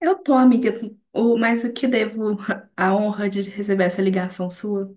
Eu tô, amiga, o, mas o que devo a honra de receber essa ligação sua?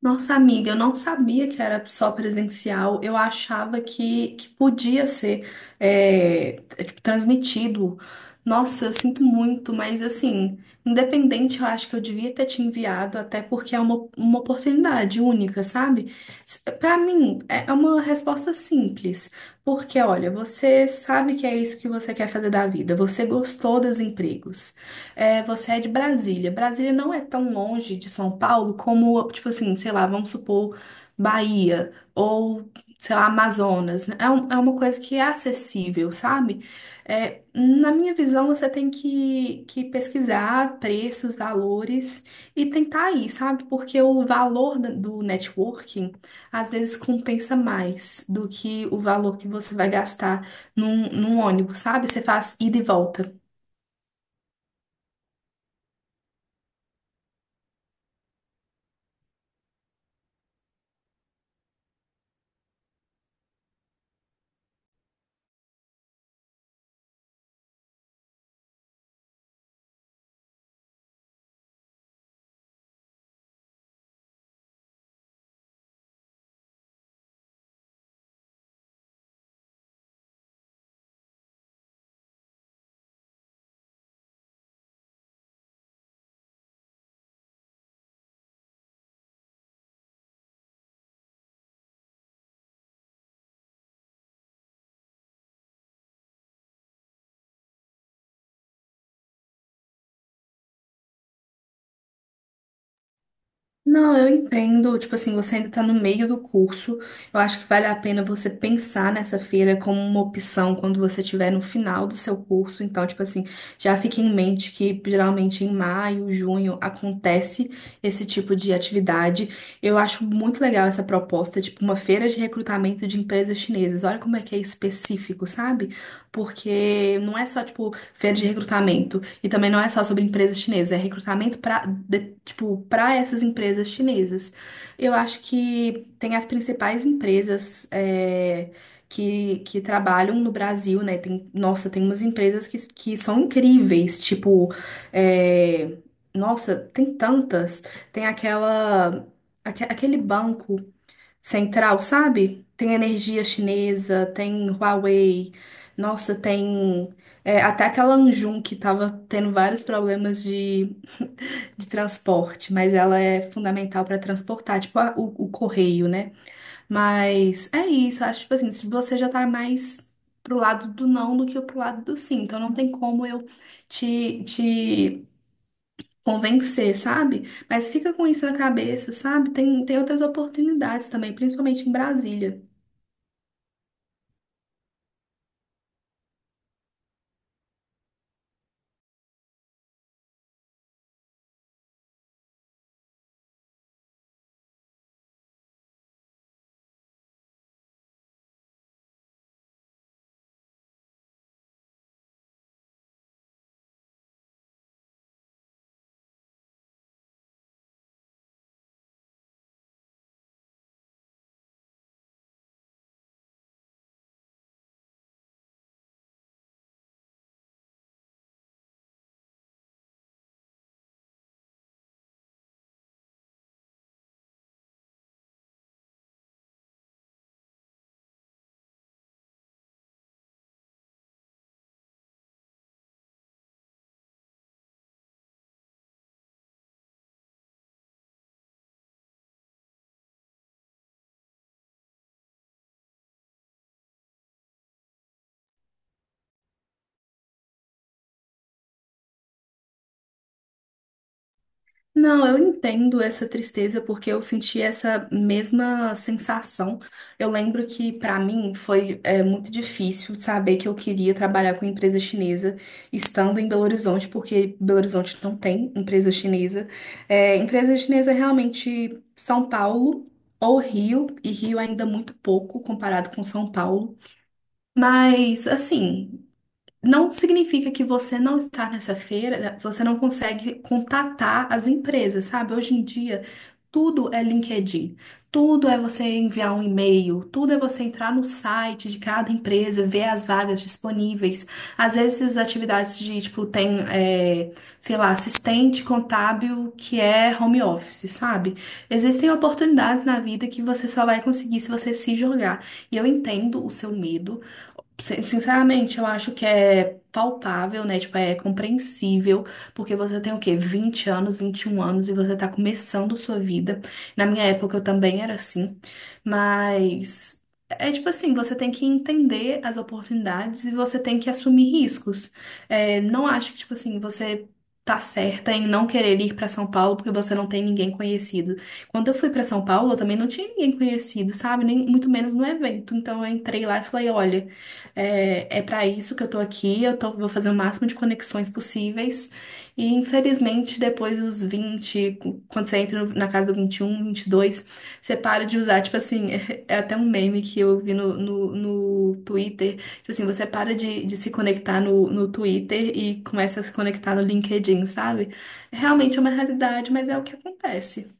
Nossa, amiga, eu não sabia que era só presencial, eu achava que podia ser tipo, transmitido. Nossa, eu sinto muito, mas assim, independente, eu acho que eu devia ter te enviado, até porque é uma oportunidade única, sabe? Pra mim, é uma resposta simples. Porque, olha, você sabe que é isso que você quer fazer da vida, você gostou dos empregos. Você é de Brasília. Brasília não é tão longe de São Paulo como, tipo assim, sei lá, vamos supor, Bahia ou, sei lá, Amazonas, né? É uma coisa que é acessível, sabe? Na minha visão, você tem que pesquisar preços, valores e tentar aí, sabe? Porque o valor do networking às vezes compensa mais do que o valor que você vai gastar num ônibus, sabe? Você faz ida e volta. Não, eu entendo. Tipo assim, você ainda está no meio do curso. Eu acho que vale a pena você pensar nessa feira como uma opção quando você estiver no final do seu curso. Então, tipo assim, já fique em mente que geralmente em maio, junho acontece esse tipo de atividade. Eu acho muito legal essa proposta, tipo uma feira de recrutamento de empresas chinesas. Olha como é que é específico, sabe? Porque não é só tipo feira de recrutamento. E também não é só sobre empresas chinesas, é recrutamento para, tipo, para essas empresas chinesas. Eu acho que tem as principais empresas que trabalham no Brasil, né? Tem, nossa, tem umas empresas que são incríveis, tipo, é, nossa, tem tantas. Tem aquela. Aquele banco central, sabe? Tem energia chinesa, tem Huawei, nossa, tem até aquela Anjum que estava tendo vários problemas de transporte, mas ela é fundamental para transportar, tipo o correio, né? Mas é isso, acho tipo assim, se você já tá mais pro lado do não do que pro lado do sim, então não tem como eu te convencer, sabe? Mas fica com isso na cabeça, sabe? Tem outras oportunidades também, principalmente em Brasília. Não, eu entendo essa tristeza porque eu senti essa mesma sensação. Eu lembro que para mim foi muito difícil saber que eu queria trabalhar com empresa chinesa estando em Belo Horizonte, porque Belo Horizonte não tem empresa chinesa. É, empresa chinesa é realmente São Paulo ou Rio, e Rio ainda muito pouco comparado com São Paulo. Mas assim. Não significa que você não estar nessa feira, né? Você não consegue contatar as empresas, sabe? Hoje em dia, tudo é LinkedIn, tudo é você enviar um e-mail, tudo é você entrar no site de cada empresa, ver as vagas disponíveis. Às vezes, as atividades de, tipo, tem, sei lá, assistente contábil que é home office, sabe? Existem oportunidades na vida que você só vai conseguir se você se jogar. E eu entendo o seu medo. Sinceramente, eu acho que é palpável, né? Tipo, é compreensível, porque você tem o quê? 20 anos, 21 anos e você tá começando sua vida. Na minha época eu também era assim, mas é tipo assim, você tem que entender as oportunidades e você tem que assumir riscos. É, não acho que, tipo assim, você tá certa em não querer ir pra São Paulo porque você não tem ninguém conhecido. Quando eu fui pra São Paulo, eu também não tinha ninguém conhecido, sabe? Nem muito menos no evento. Então eu entrei lá e falei, olha, é para isso que eu tô aqui, eu tô, vou fazer o máximo de conexões possíveis. E infelizmente, depois dos quando você entra na casa do vinte, vinte e um, vinte e dois, você para de usar. Tipo assim, é até um meme que eu vi no Twitter. Tipo assim, você para de se conectar no Twitter e começa a se conectar no LinkedIn, sabe? Realmente é uma realidade, mas é o que acontece.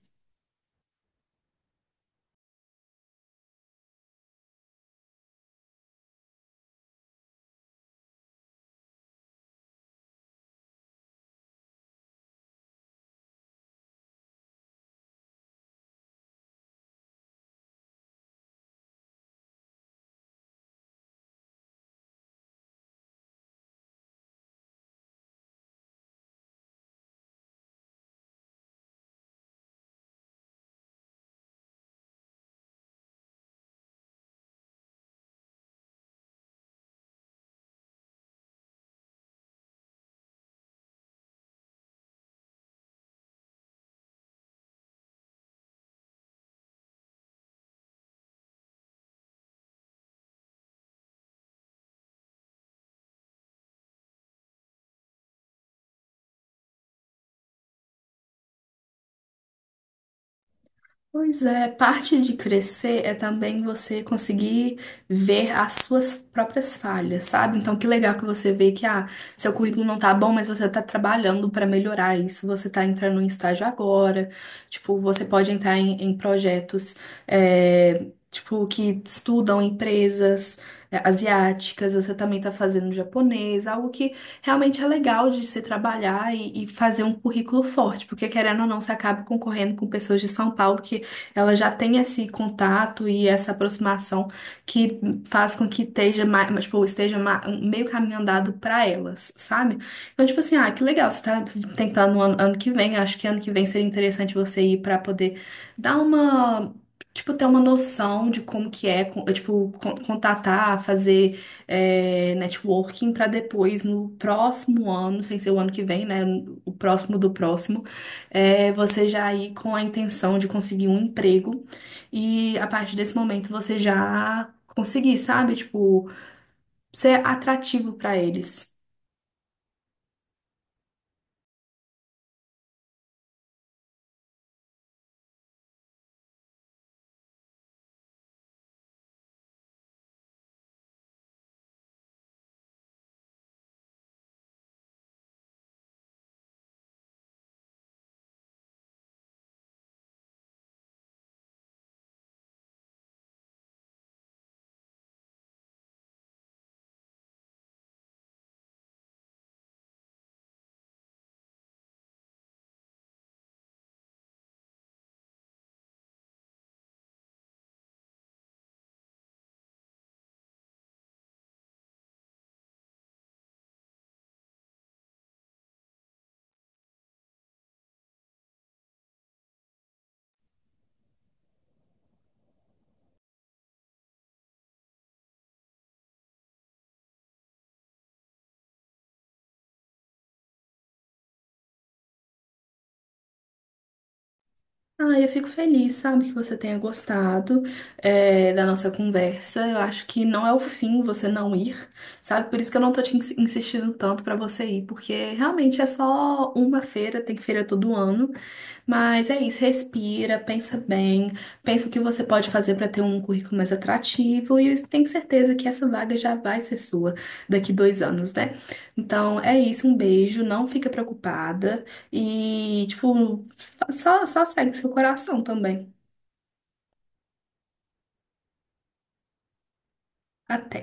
Pois é, parte de crescer é também você conseguir ver as suas próprias falhas, sabe? Então, que legal que você vê que ah, seu currículo não tá bom, mas você tá trabalhando para melhorar isso. Você tá entrando em estágio agora, tipo, você pode entrar em projetos é, tipo que estudam empresas asiáticas. Você também tá fazendo japonês, algo que realmente é legal de se trabalhar e fazer um currículo forte, porque querendo ou não, você acaba concorrendo com pessoas de São Paulo que ela já tem esse contato e essa aproximação que faz com que esteja, mais, tipo, meio caminho andado para elas, sabe? Então, tipo assim, ah, que legal, você tá tentando no ano, ano que vem, acho que ano que vem seria interessante você ir para poder dar uma. Tipo, ter uma noção de como que é, contatar, fazer networking para depois, no próximo ano, sem ser o ano que vem, né? O próximo do próximo é você já ir com a intenção de conseguir um emprego e a partir desse momento você já conseguir, sabe? Tipo, ser atrativo para eles. Ah, eu fico feliz, sabe, que você tenha gostado, da nossa conversa. Eu acho que não é o fim você não ir, sabe? Por isso que eu não tô te insistindo tanto para você ir, porque realmente é só uma feira, tem feira todo ano. Mas é isso, respira, pensa bem, pensa o que você pode fazer para ter um currículo mais atrativo e eu tenho certeza que essa vaga já vai ser sua daqui 2 anos, né? Então é isso, um beijo, não fica preocupada e, tipo, só segue o seu coração também. Até.